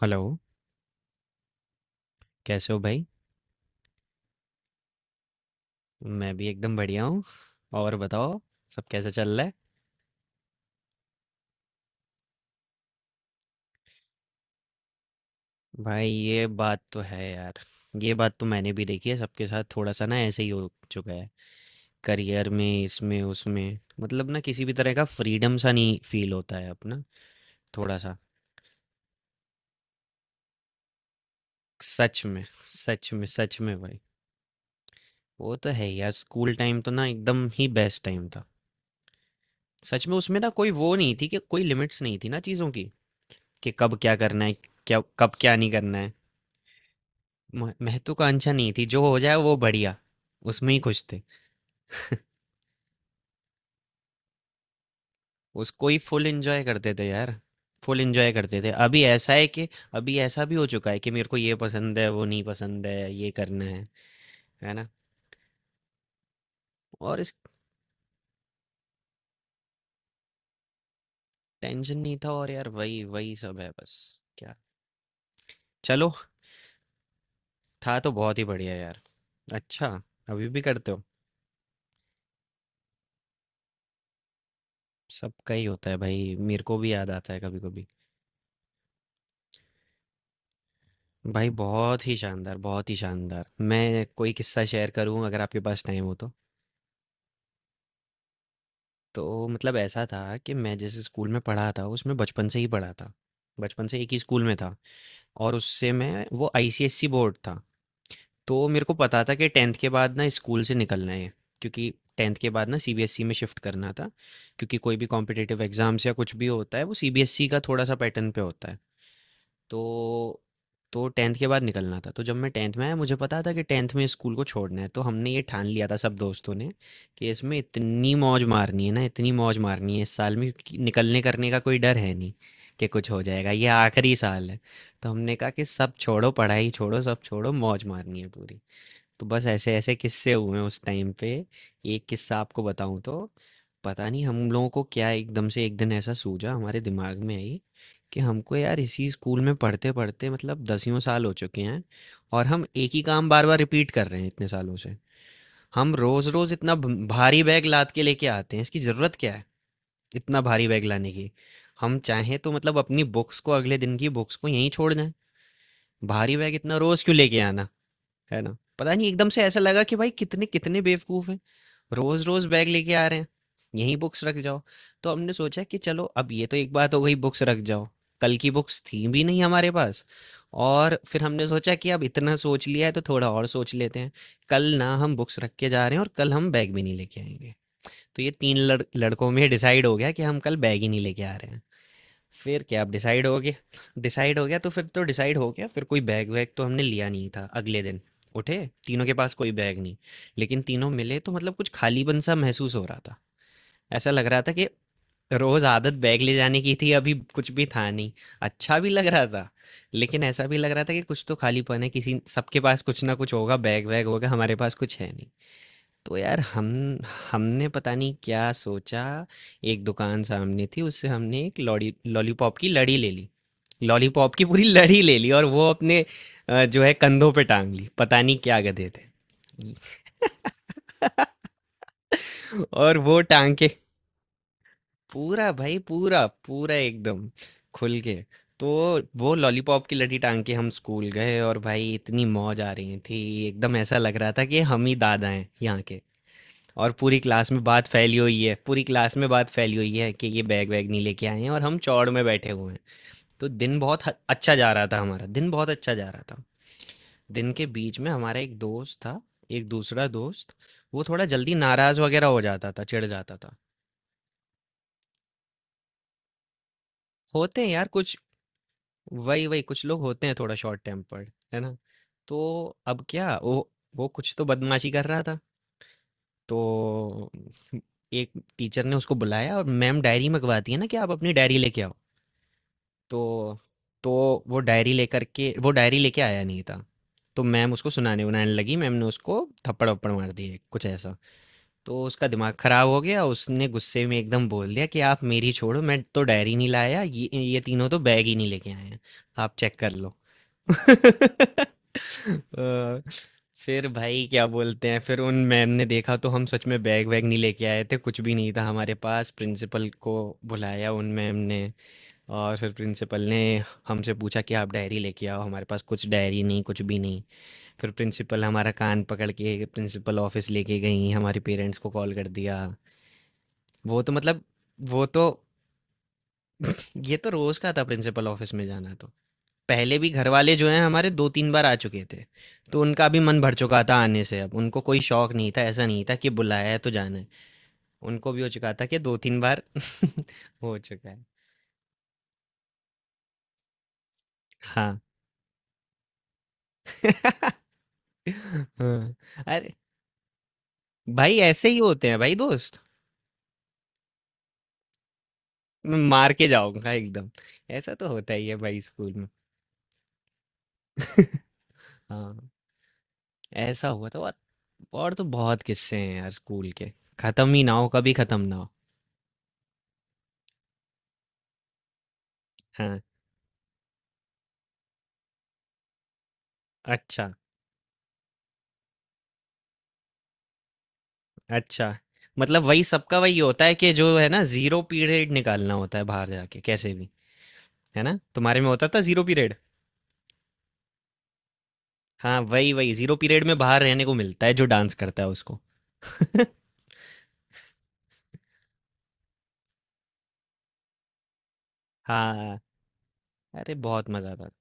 Hello. कैसे हो भाई? मैं भी एकदम बढ़िया हूँ। और बताओ सब कैसे चल रहा है। भाई ये बात तो है यार। ये बात तो मैंने भी देखी है सबके साथ, थोड़ा सा ना ऐसे ही हो चुका है। करियर में, इसमें उसमें, मतलब ना किसी भी तरह का फ्रीडम सा नहीं फील होता है अपना, थोड़ा सा। सच में। सच में, सच में भाई। वो तो है यार, स्कूल टाइम तो ना एकदम ही बेस्ट टाइम था। सच में, उसमें ना कोई वो नहीं थी कि कोई लिमिट्स नहीं थी ना चीज़ों की, कि कब क्या करना है, क्या कब क्या नहीं करना है। महत्वाकांक्षा नहीं थी, जो हो जाए वो बढ़िया, उसमें ही खुश थे। उसको ही फुल एंजॉय करते थे यार, फुल एंजॉय करते थे। अभी ऐसा है कि अभी ऐसा भी हो चुका है कि मेरे को ये पसंद है, वो नहीं पसंद है, ये करना है ना। और इस टेंशन नहीं था, और यार वही वही सब है बस। क्या। चलो। था तो बहुत ही बढ़िया यार। अच्छा, अभी भी करते हो? सबका ही होता है भाई, मेरे को भी याद आता है कभी कभी। भाई बहुत ही शानदार, बहुत ही शानदार। मैं कोई किस्सा शेयर करूं अगर आपके पास टाइम हो तो? तो मतलब ऐसा था कि मैं जिस स्कूल में पढ़ा था उसमें बचपन से ही पढ़ा था। बचपन से एक ही स्कूल में था, और उससे मैं वो आईसीएसई बोर्ड था। तो मेरे को पता था कि 10th के बाद ना स्कूल से निकलना है, क्योंकि 10th के बाद ना सीबीएसई में शिफ्ट करना था, क्योंकि कोई भी कॉम्पिटिटिव एग्ज़ाम्स या कुछ भी होता है वो सीबीएसई का थोड़ा सा पैटर्न पे होता है। तो तो 10th के बाद निकलना था, तो जब मैं 10th में आया मुझे पता था कि 10th में स्कूल को छोड़ना है, तो हमने ये ठान लिया था सब दोस्तों ने कि इसमें इतनी मौज मारनी है ना, इतनी मौज मारनी है इस साल में, क्योंकि निकलने करने का कोई डर है नहीं कि कुछ हो जाएगा, ये आखिरी साल है। तो हमने कहा कि सब छोड़ो, पढ़ाई छोड़ो, सब छोड़ो, मौज मारनी है पूरी। तो बस ऐसे ऐसे किस्से हुए उस टाइम पे। एक किस्सा आपको बताऊं तो, पता नहीं हम लोगों को क्या एकदम से एक दिन ऐसा सूझा, हमारे दिमाग में आई कि हमको यार इसी स्कूल में पढ़ते पढ़ते मतलब दसियों साल हो चुके हैं, और हम एक ही काम बार बार रिपीट कर रहे हैं इतने सालों से। हम रोज रोज इतना भारी बैग लाद के लेके आते हैं, इसकी जरूरत क्या है इतना भारी बैग लाने की। हम चाहें तो मतलब अपनी बुक्स को, अगले दिन की बुक्स को यहीं छोड़ दें, भारी बैग इतना रोज क्यों लेके आना, है ना। पता नहीं एकदम से ऐसा लगा कि भाई कितने कितने बेवकूफ हैं, रोज रोज बैग लेके आ रहे हैं, यही बुक्स रख जाओ। तो हमने सोचा कि चलो अब ये तो एक बात हो गई, बुक्स रख जाओ। कल की बुक्स थी भी नहीं हमारे पास। और फिर हमने सोचा कि अब इतना सोच लिया है तो थोड़ा और सोच लेते हैं। कल ना हम बुक्स रख के जा रहे हैं, और कल हम बैग भी नहीं लेके आएंगे। तो ये तीन लड़कों में डिसाइड हो गया कि हम कल बैग ही नहीं लेके आ रहे हैं। फिर क्या, अब डिसाइड हो गया। डिसाइड हो गया तो फिर तो डिसाइड हो गया, फिर कोई बैग वैग तो हमने लिया नहीं था अगले दिन। उठे, तीनों के पास कोई बैग नहीं, लेकिन तीनों मिले तो मतलब कुछ खालीपन सा महसूस हो रहा था। ऐसा लग रहा था कि रोज आदत बैग ले जाने की थी, अभी कुछ भी था नहीं। अच्छा भी लग रहा था, लेकिन ऐसा भी लग रहा था कि कुछ तो खालीपन है, किसी सबके पास कुछ ना कुछ होगा, बैग वैग होगा, हमारे पास कुछ है नहीं। तो यार हम हमने पता नहीं क्या सोचा, एक दुकान सामने थी, उससे हमने एक लॉलीपॉप की लड़ी ले ली। लॉलीपॉप की पूरी लड़ी ले ली और वो अपने जो है कंधों पे टांग ली, पता नहीं क्या गधे थे। और वो टांग के, पूरा भाई, पूरा पूरा एकदम खुल के, तो वो लॉलीपॉप की लड़ी टांग के हम स्कूल गए और भाई इतनी मौज आ रही थी, एकदम ऐसा लग रहा था कि हम ही दादा हैं यहाँ। और पूरी क्लास में बात फैली हुई है, पूरी क्लास में बात फैली हुई है कि ये बैग वैग नहीं लेके आए हैं, और हम चौड़ में बैठे हुए हैं। तो दिन बहुत अच्छा जा रहा था, हमारा दिन बहुत अच्छा जा रहा था। दिन के बीच में हमारा एक दोस्त था, एक दूसरा दोस्त। वो थोड़ा जल्दी नाराज वगैरह हो जाता था, चिढ़ जाता था। होते हैं यार कुछ, वही वही कुछ लोग होते हैं, थोड़ा शॉर्ट टेम्पर्ड, है ना। तो अब क्या, वो कुछ तो बदमाशी कर रहा था। तो एक टीचर ने उसको बुलाया, और मैम डायरी मंगवाती है ना कि आप अपनी डायरी लेके आओ। तो तो वो डायरी लेके आया नहीं था। तो मैम उसको सुनाने उनाने लगी, मैम ने उसको थप्पड़ वप्पड़ मार दिए कुछ ऐसा। तो उसका दिमाग खराब हो गया, उसने गुस्से में एकदम बोल दिया कि आप मेरी छोड़ो, मैं तो डायरी नहीं लाया, ये तीनों तो बैग ही नहीं लेके आए हैं, आप चेक कर लो। अ, फिर भाई क्या बोलते हैं, फिर उन मैम ने देखा तो हम सच में बैग वैग नहीं लेके आए थे, कुछ भी नहीं था हमारे पास। प्रिंसिपल को बुलाया उन मैम ने, और फिर प्रिंसिपल ने हमसे पूछा कि आप डायरी लेके आओ, हमारे पास कुछ डायरी नहीं, कुछ भी नहीं। फिर प्रिंसिपल हमारा कान पकड़ के प्रिंसिपल ऑफिस लेके गई, हमारे पेरेंट्स को कॉल कर दिया। वो तो मतलब वो तो ये तो रोज का था प्रिंसिपल ऑफिस में जाना, तो पहले भी घर वाले जो हैं हमारे दो तीन बार आ चुके थे। तो उनका भी मन भर चुका था आने से, अब उनको कोई शौक नहीं था, ऐसा नहीं था कि बुलाया है तो जाना है। उनको भी हो चुका था कि दो तीन बार हो चुका है। हाँ। हाँ। अरे भाई ऐसे ही होते हैं भाई दोस्त, मैं मार के जाऊंगा एकदम। ऐसा तो होता ही है भाई स्कूल में। हाँ, ऐसा हुआ था। और तो बहुत किस्से हैं यार स्कूल के, खत्म ही ना हो, कभी खत्म ना हो। हाँ। अच्छा, अच्छा। मतलब वही सबका वही होता है कि, जो है ना, जीरो पीरियड निकालना होता है बाहर, जाके कैसे भी, है ना, तुम्हारे में होता था जीरो पीरियड? हाँ वही वही, जीरो पीरियड में बाहर रहने को मिलता है जो डांस करता है उसको। हाँ, अरे बहुत मजा आता था।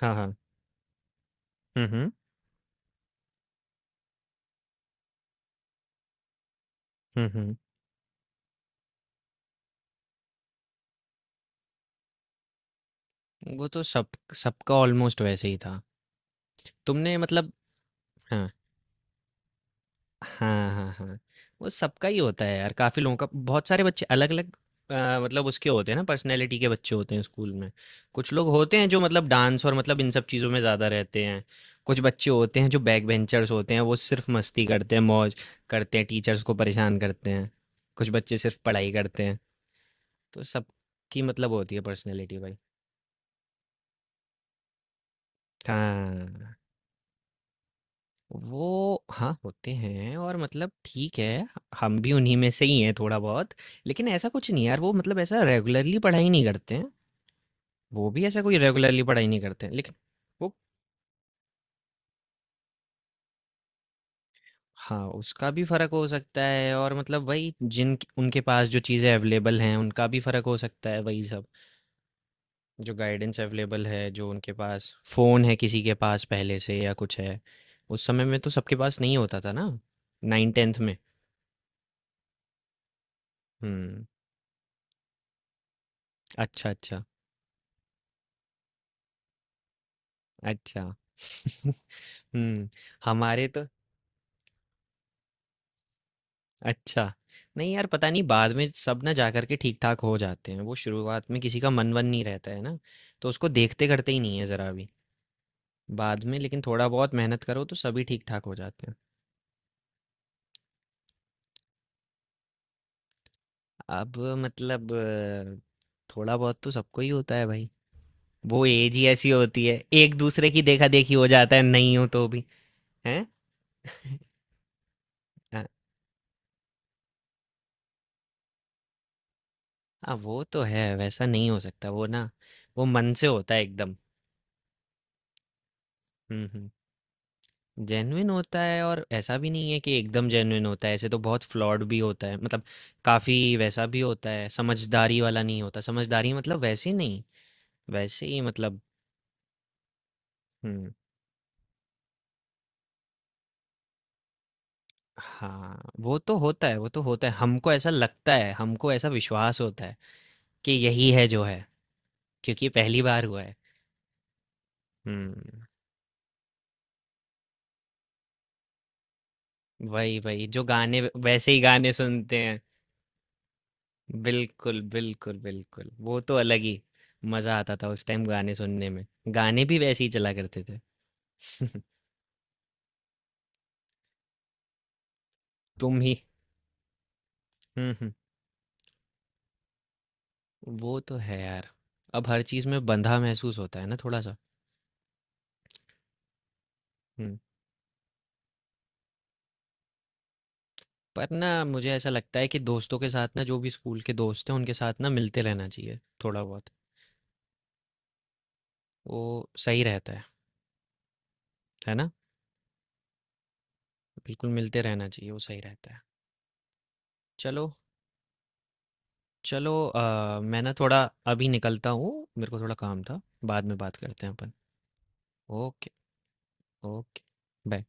हाँ हाँ। हम्म। हम्म हम्म। वो तो सब, सबका ऑलमोस्ट वैसे ही था। तुमने मतलब हाँ हाँ हाँ। हाँ, वो सबका ही होता है यार, काफ़ी लोगों का, बहुत सारे बच्चे अलग अलग मतलब उसके होते हैं ना, पर्सनैलिटी के बच्चे होते हैं स्कूल में। कुछ लोग होते हैं जो मतलब डांस और मतलब इन सब चीज़ों में ज़्यादा रहते हैं, कुछ बच्चे होते हैं जो बैक बेंचर्स होते हैं, वो सिर्फ मस्ती करते हैं, मौज करते हैं, टीचर्स को परेशान करते हैं। कुछ बच्चे सिर्फ पढ़ाई करते हैं, तो सबकी मतलब होती है पर्सनैलिटी भाई। हाँ, वो हाँ होते हैं, और मतलब ठीक है, हम भी उन्हीं में से ही हैं थोड़ा बहुत। लेकिन ऐसा कुछ नहीं यार, वो मतलब ऐसा रेगुलरली पढ़ाई नहीं करते हैं, वो भी ऐसा कोई रेगुलरली पढ़ाई नहीं करते हैं लेकिन। वो, हाँ, उसका भी फर्क हो सकता है, और मतलब वही, जिन उनके पास जो चीज़ें अवेलेबल हैं उनका भी फर्क हो सकता है, वही सब, जो गाइडेंस अवेलेबल है, जो उनके पास फ़ोन है किसी के पास पहले से या कुछ है, उस समय में तो सबके पास नहीं होता था ना, नाइन टेंथ में। हम्म। अच्छा, अच्छा, अच्छा। हुँ, हमारे तो, अच्छा। नहीं यार, पता नहीं बाद में सब ना जा कर के ठीक-ठाक हो जाते हैं। वो शुरुआत में किसी का मन-वन नहीं रहता है ना, तो उसको देखते करते ही नहीं है ज़रा भी। बाद में लेकिन थोड़ा बहुत मेहनत करो तो सभी ठीक-ठाक हो जाते हैं। अब मतलब थोड़ा बहुत तो सबको ही होता है भाई। वो एज ही ऐसी होती है, एक दूसरे की देखा-देखी हो जाता है, नहीं हो तो भी। हैं? अ, हाँ, वो तो है, वैसा नहीं हो सकता। वो ना, वो मन से होता है एकदम। हुँ, हुँ। जेन्युइन होता है, और ऐसा भी नहीं है कि एकदम जेन्युइन होता है, ऐसे तो बहुत फ्लॉड भी होता है मतलब, काफ़ी वैसा भी होता है, समझदारी वाला नहीं होता, समझदारी मतलब वैसे नहीं, वैसे ही मतलब। हम्म। हाँ, वो तो होता है, वो तो होता है, हमको ऐसा लगता है, हमको ऐसा विश्वास होता है कि यही है जो है, क्योंकि पहली बार हुआ है। हम्म। वही वही जो गाने, वैसे ही गाने सुनते हैं। बिल्कुल, बिल्कुल, बिल्कुल, वो तो अलग ही मज़ा आता था उस टाइम गाने सुनने में, गाने भी वैसे ही चला करते थे। तुम ही हुँ, हुँ, वो तो है यार, अब हर चीज़ में बंधा महसूस होता है ना थोड़ा सा। हुँ। पर ना मुझे ऐसा लगता है कि दोस्तों के साथ ना, जो भी स्कूल के दोस्त हैं उनके साथ ना, मिलते रहना चाहिए थोड़ा बहुत, वो सही रहता है ना। बिल्कुल मिलते रहना चाहिए, वो सही रहता है। चलो। चलो मैं ना थोड़ा अभी निकलता हूँ, मेरे को थोड़ा काम था, बाद में बात करते हैं अपन। ओके। ओके। बाय।